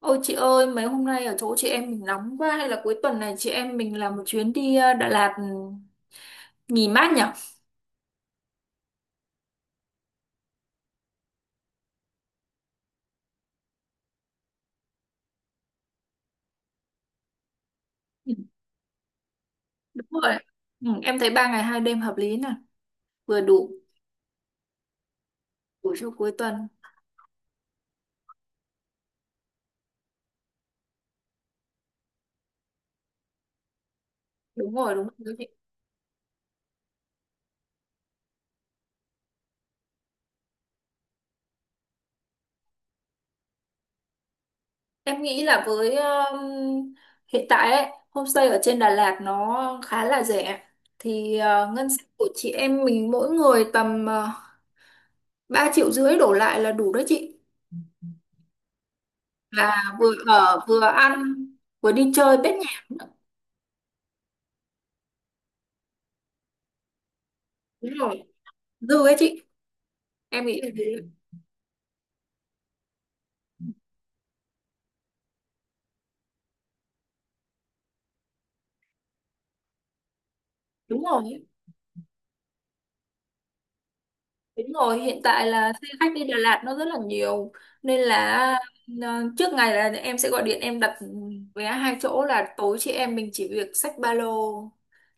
Ôi chị ơi, mấy hôm nay ở chỗ chị em mình nóng quá hay là cuối tuần này chị em mình làm một chuyến đi Đà Lạt nghỉ mát nhỉ? Ừ. Đúng rồi. Ừ, em thấy ba ngày hai đêm hợp lý nè, vừa đủ đủ cho cuối tuần. Đúng rồi, đúng rồi, chị. Em nghĩ là với hiện tại ấy, homestay ở trên Đà Lạt nó khá là rẻ. Thì ngân sách của chị em mình mỗi người tầm 3 triệu rưỡi đổ lại là đủ đó chị. Là vừa ở vừa ăn vừa đi chơi bết nhạc. Dư ấy chị, em nghĩ là thế. Đúng rồi, đúng rồi, hiện tại là xe khách đi Đà Lạt nó rất là nhiều nên là ờ, trước ngày là em sẽ gọi điện, đặt vé hai chỗ, là tối chị em mình chỉ việc xách ba lô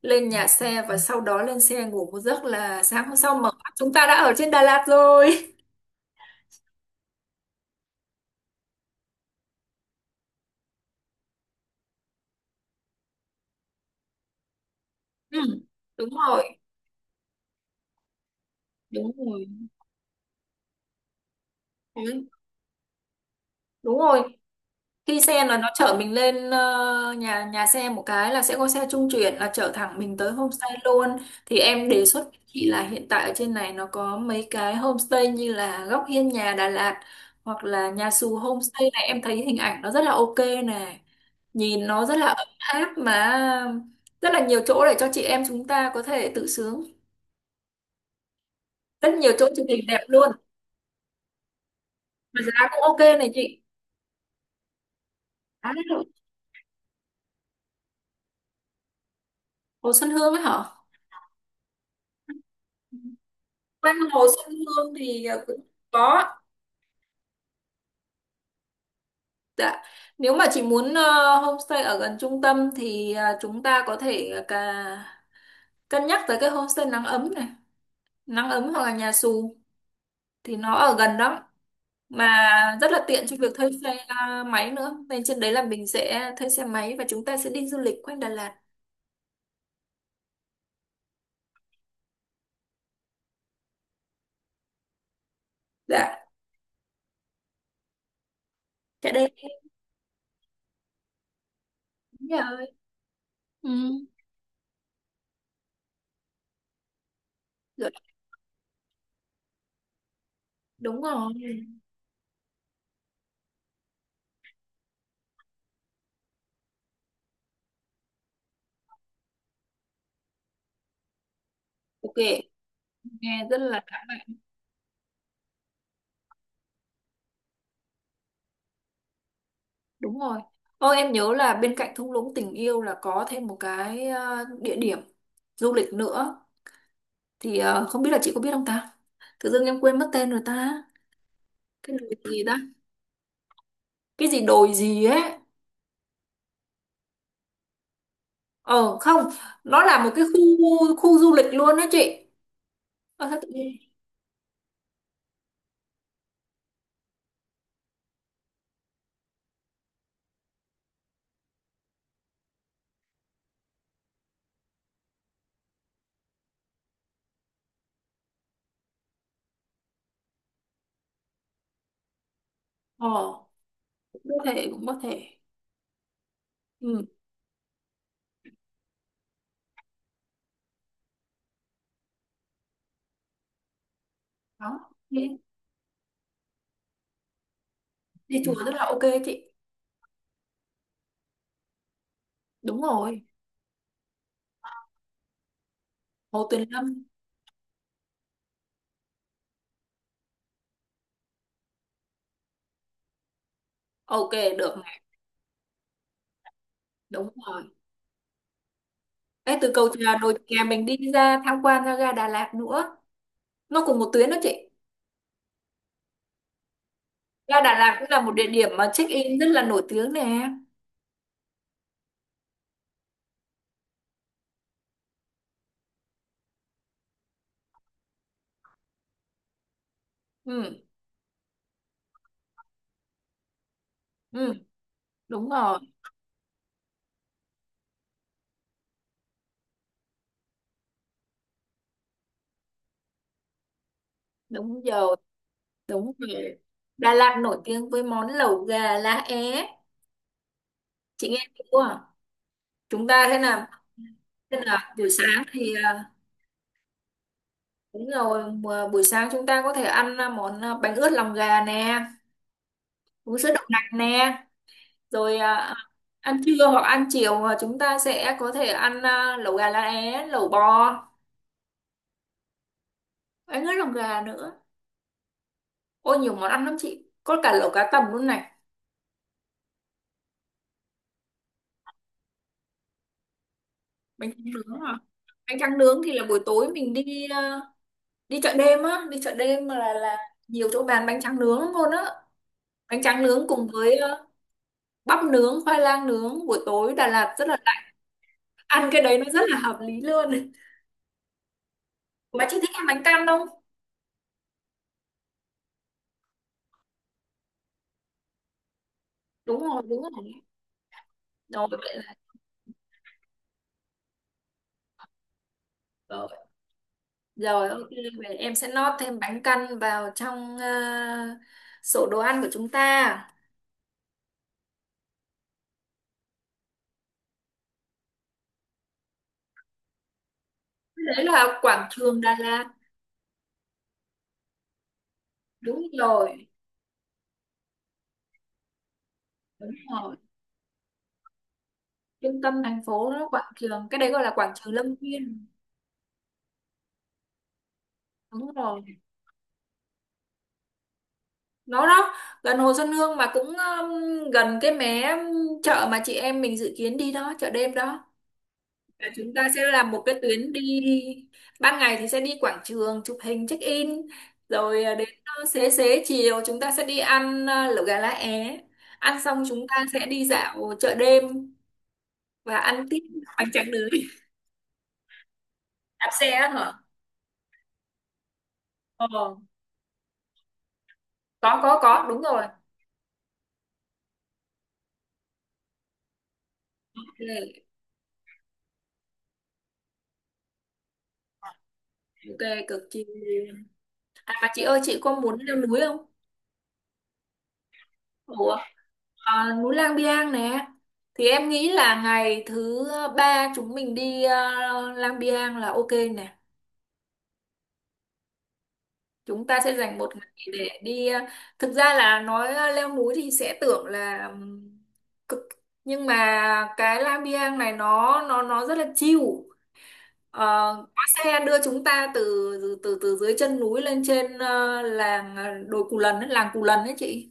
lên nhà xe và sau đó lên xe ngủ một giấc là sáng hôm sau mở mắt chúng ta đã ở trên Đà Lạt rồi. Ừ, đúng rồi, đúng rồi. Ừ, đúng rồi, khi xe là nó chở mình lên nhà nhà xe, một cái là sẽ có xe trung chuyển là chở thẳng mình tới homestay luôn. Thì em đề xuất với chị là hiện tại ở trên này nó có mấy cái homestay như là Góc Hiên Nhà Đà Lạt hoặc là Nhà Xù Homestay, này em thấy hình ảnh nó rất là ok nè, nhìn nó rất là ấm áp, mà rất là nhiều chỗ để cho chị em chúng ta có thể tự sướng, rất nhiều chỗ chụp hình đẹp luôn, mà giá cũng ok này chị. À, Hồ Xuân Hương ấy hả, quanh Hồ Xuân Hương thì cũng có. Dạ. Nếu mà chị muốn homestay ở gần trung tâm thì chúng ta có thể cả cân nhắc tới cái homestay nắng ấm này, nắng ấm hoặc là nhà xù thì nó ở gần lắm mà rất là tiện cho việc thuê xe máy nữa. Nên trên đấy là mình sẽ thuê xe máy và chúng ta sẽ đi du lịch quanh Đà Lạt. Dạ, chạy đây nhà ơi. Ừ. Rồi, đúng rồi. Ok, nghe rất là lãng mạn. Đúng rồi. Ô, em nhớ là bên cạnh thung lũng tình yêu là có thêm một cái địa điểm du lịch nữa, thì không biết là chị có biết không ta, tự dưng em quên mất tên rồi ta, cái đồi gì ta, cái gì đồi gì ấy. Ờ không, nó là một cái khu khu du lịch luôn đó chị. Ờ sao tự nhiên. Ờ cũng có thể, cũng có thể. Ừ. Đó đi, đi chùa rất là ok chị. Đúng rồi. Hồ Tuyền Lâm. Ok, được này. Đúng rồi. Ê, từ cầu trà đồi kè mình đi ra tham quan ra ga Đà Lạt nữa, nó cùng một tuyến đó chị. Ga Đà Lạt cũng là một địa điểm mà check in rất là nổi tiếng nè. Ừ. Ừ. Đúng rồi. Đúng rồi, đúng rồi. Đà Lạt nổi tiếng với món lẩu gà lá é, chị nghe chưa, chúng ta thế nào. Thế là buổi sáng thì đúng rồi, mà buổi sáng chúng ta có thể ăn món bánh ướt lòng gà nè, uống sữa đậu nành nè, rồi ăn trưa hoặc ăn chiều chúng ta sẽ có thể ăn lẩu gà lá é, lẩu bò, bánh ướt lòng gà nữa. Ôi nhiều món ăn lắm chị, có cả lẩu cá tầm luôn này. Bánh tráng nướng à, bánh tráng nướng thì là buổi tối mình đi đi chợ đêm á, đi chợ đêm là nhiều chỗ bán bánh tráng nướng luôn á, bánh tráng nướng cùng với bắp nướng, khoai lang nướng, buổi tối Đà Lạt rất là lạ. Ăn cái đấy nó rất là hợp lý luôn. Mà chị thích ăn bánh căn không? Đúng rồi, đúng rồi. Rồi vậy là rồi, rồi ok, vậy em sẽ nót thêm bánh căn vào trong sổ đồ ăn của chúng ta. Cái đấy là quảng trường Đà Lạt. Đúng rồi. Đúng rồi, trung tâm thành phố nó quảng trường, cái đấy gọi là quảng trường Lâm Viên. Đúng rồi. Đó đó, gần Hồ Xuân Hương mà cũng gần cái mé chợ mà chị em mình dự kiến đi đó, chợ đêm đó. Là chúng ta sẽ làm một cái tuyến đi, ban ngày thì sẽ đi quảng trường chụp hình check in, rồi đến xế xế chiều chúng ta sẽ đi ăn lẩu gà lá é, ăn xong chúng ta sẽ đi dạo chợ đêm và ăn tiếp bánh tráng nướng. Đạp xe á hả? Ờ, có, đúng rồi. Ok, ok, cực kỳ. À mà chị ơi, chị có muốn leo núi không? Ủa, à, núi Lang Biang nè, thì em nghĩ là ngày thứ ba chúng mình đi Lang Biang là ok nè, chúng ta sẽ dành một ngày để đi thực ra là nói leo núi thì sẽ tưởng là cực, nhưng mà cái Lang Biang này nó rất là chill. Ờ, có xe đưa chúng ta từ từ từ dưới chân núi lên trên làng đồi Cù Lần ấy, làng Cù Lần ấy chị,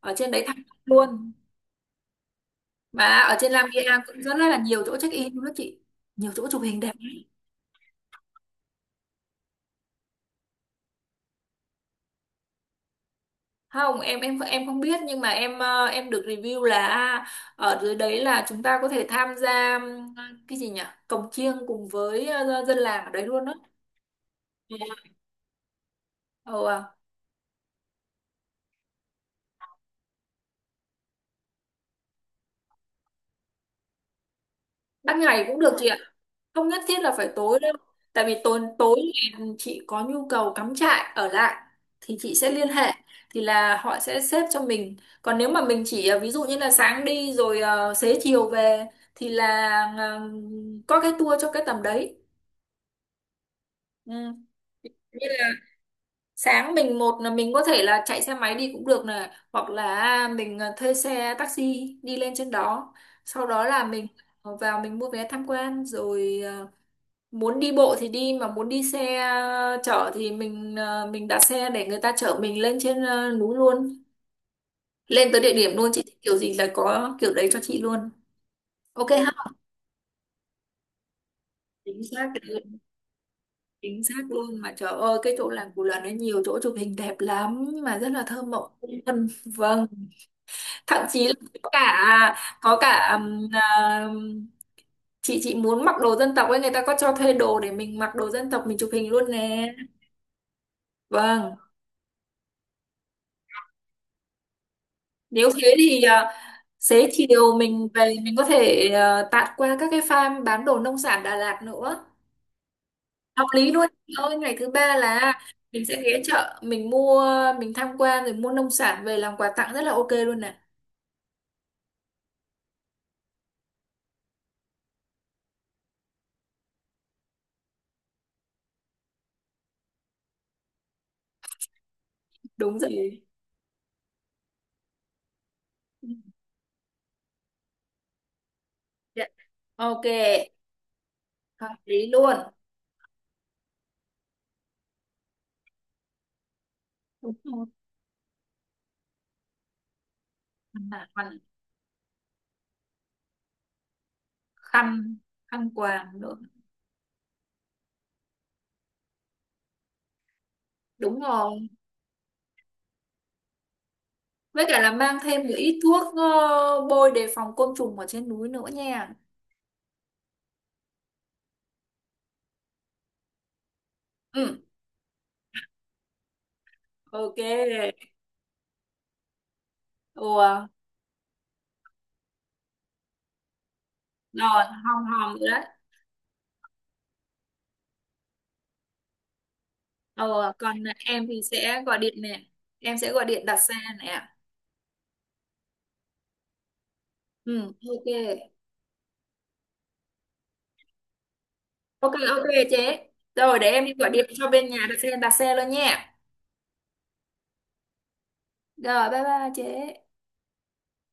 ở trên đấy thẳng luôn, mà ở trên Lam Gia cũng rất là nhiều chỗ check in luôn đó chị, nhiều chỗ chụp hình đẹp lắm. Không em, em không biết, nhưng mà em em được review là ở dưới đấy là chúng ta có thể tham gia cái gì nhỉ, cồng chiêng cùng với dân làng ở đấy luôn đó. Ồ, à. Ban ngày cũng được chị ạ, không nhất thiết là phải tối đâu, tại vì tối tối thì chị có nhu cầu cắm trại ở lại thì chị sẽ liên hệ, thì là họ sẽ xếp cho mình. Còn nếu mà mình chỉ ví dụ như là sáng đi rồi xế chiều về thì là ờ, có cái tour cho cái tầm đấy. Ừ. Như là sáng mình, một là mình có thể là chạy xe máy đi cũng được này, hoặc là mình thuê xe taxi đi lên trên đó, sau đó là mình vào mình mua vé tham quan, rồi muốn đi bộ thì đi, mà muốn đi xe chở thì mình mình đặt xe để người ta chở mình lên trên núi luôn, lên tới địa điểm luôn, chị thích kiểu gì là có kiểu đấy cho chị luôn. Ok ha, chính xác cái đấy, chính xác luôn. Mà trời ơi cái chỗ làng Cù Lần ấy nhiều chỗ chụp hình đẹp lắm, mà rất là thơ mộng, vân vâng, thậm chí là có cả, có cả chị muốn mặc đồ dân tộc ấy, người ta có cho thuê đồ để mình mặc đồ dân tộc mình chụp hình luôn nè. Vâng. Nếu thế thì xế chiều mình về mình có thể tạt qua các cái farm bán đồ nông sản Đà Lạt nữa. Hợp lý luôn. Chị ơi ngày thứ ba là mình sẽ ghé chợ, mình mua, mình tham quan rồi mua nông sản về làm quà tặng, rất là ok luôn nè. Đúng rồi. Ừ. Dạ. Ok, hợp lý luôn. Đúng rồi. Mà còn khăn, khăn quàng nữa. Đúng rồi. Với cả là mang thêm một ít thuốc bôi đề phòng côn trùng ở trên núi nữa nha. Ừ, ok. Ủa, rồi hòm hòm rồi đấy. Ờ còn em thì sẽ gọi điện nè, em sẽ gọi điện đặt xe nè. Ừ. Ok, ok. Ok chế. Rồi để em đi gọi điện cho bên nhà đặt xe, đặt xe luôn nha. Rồi, bye bye chế.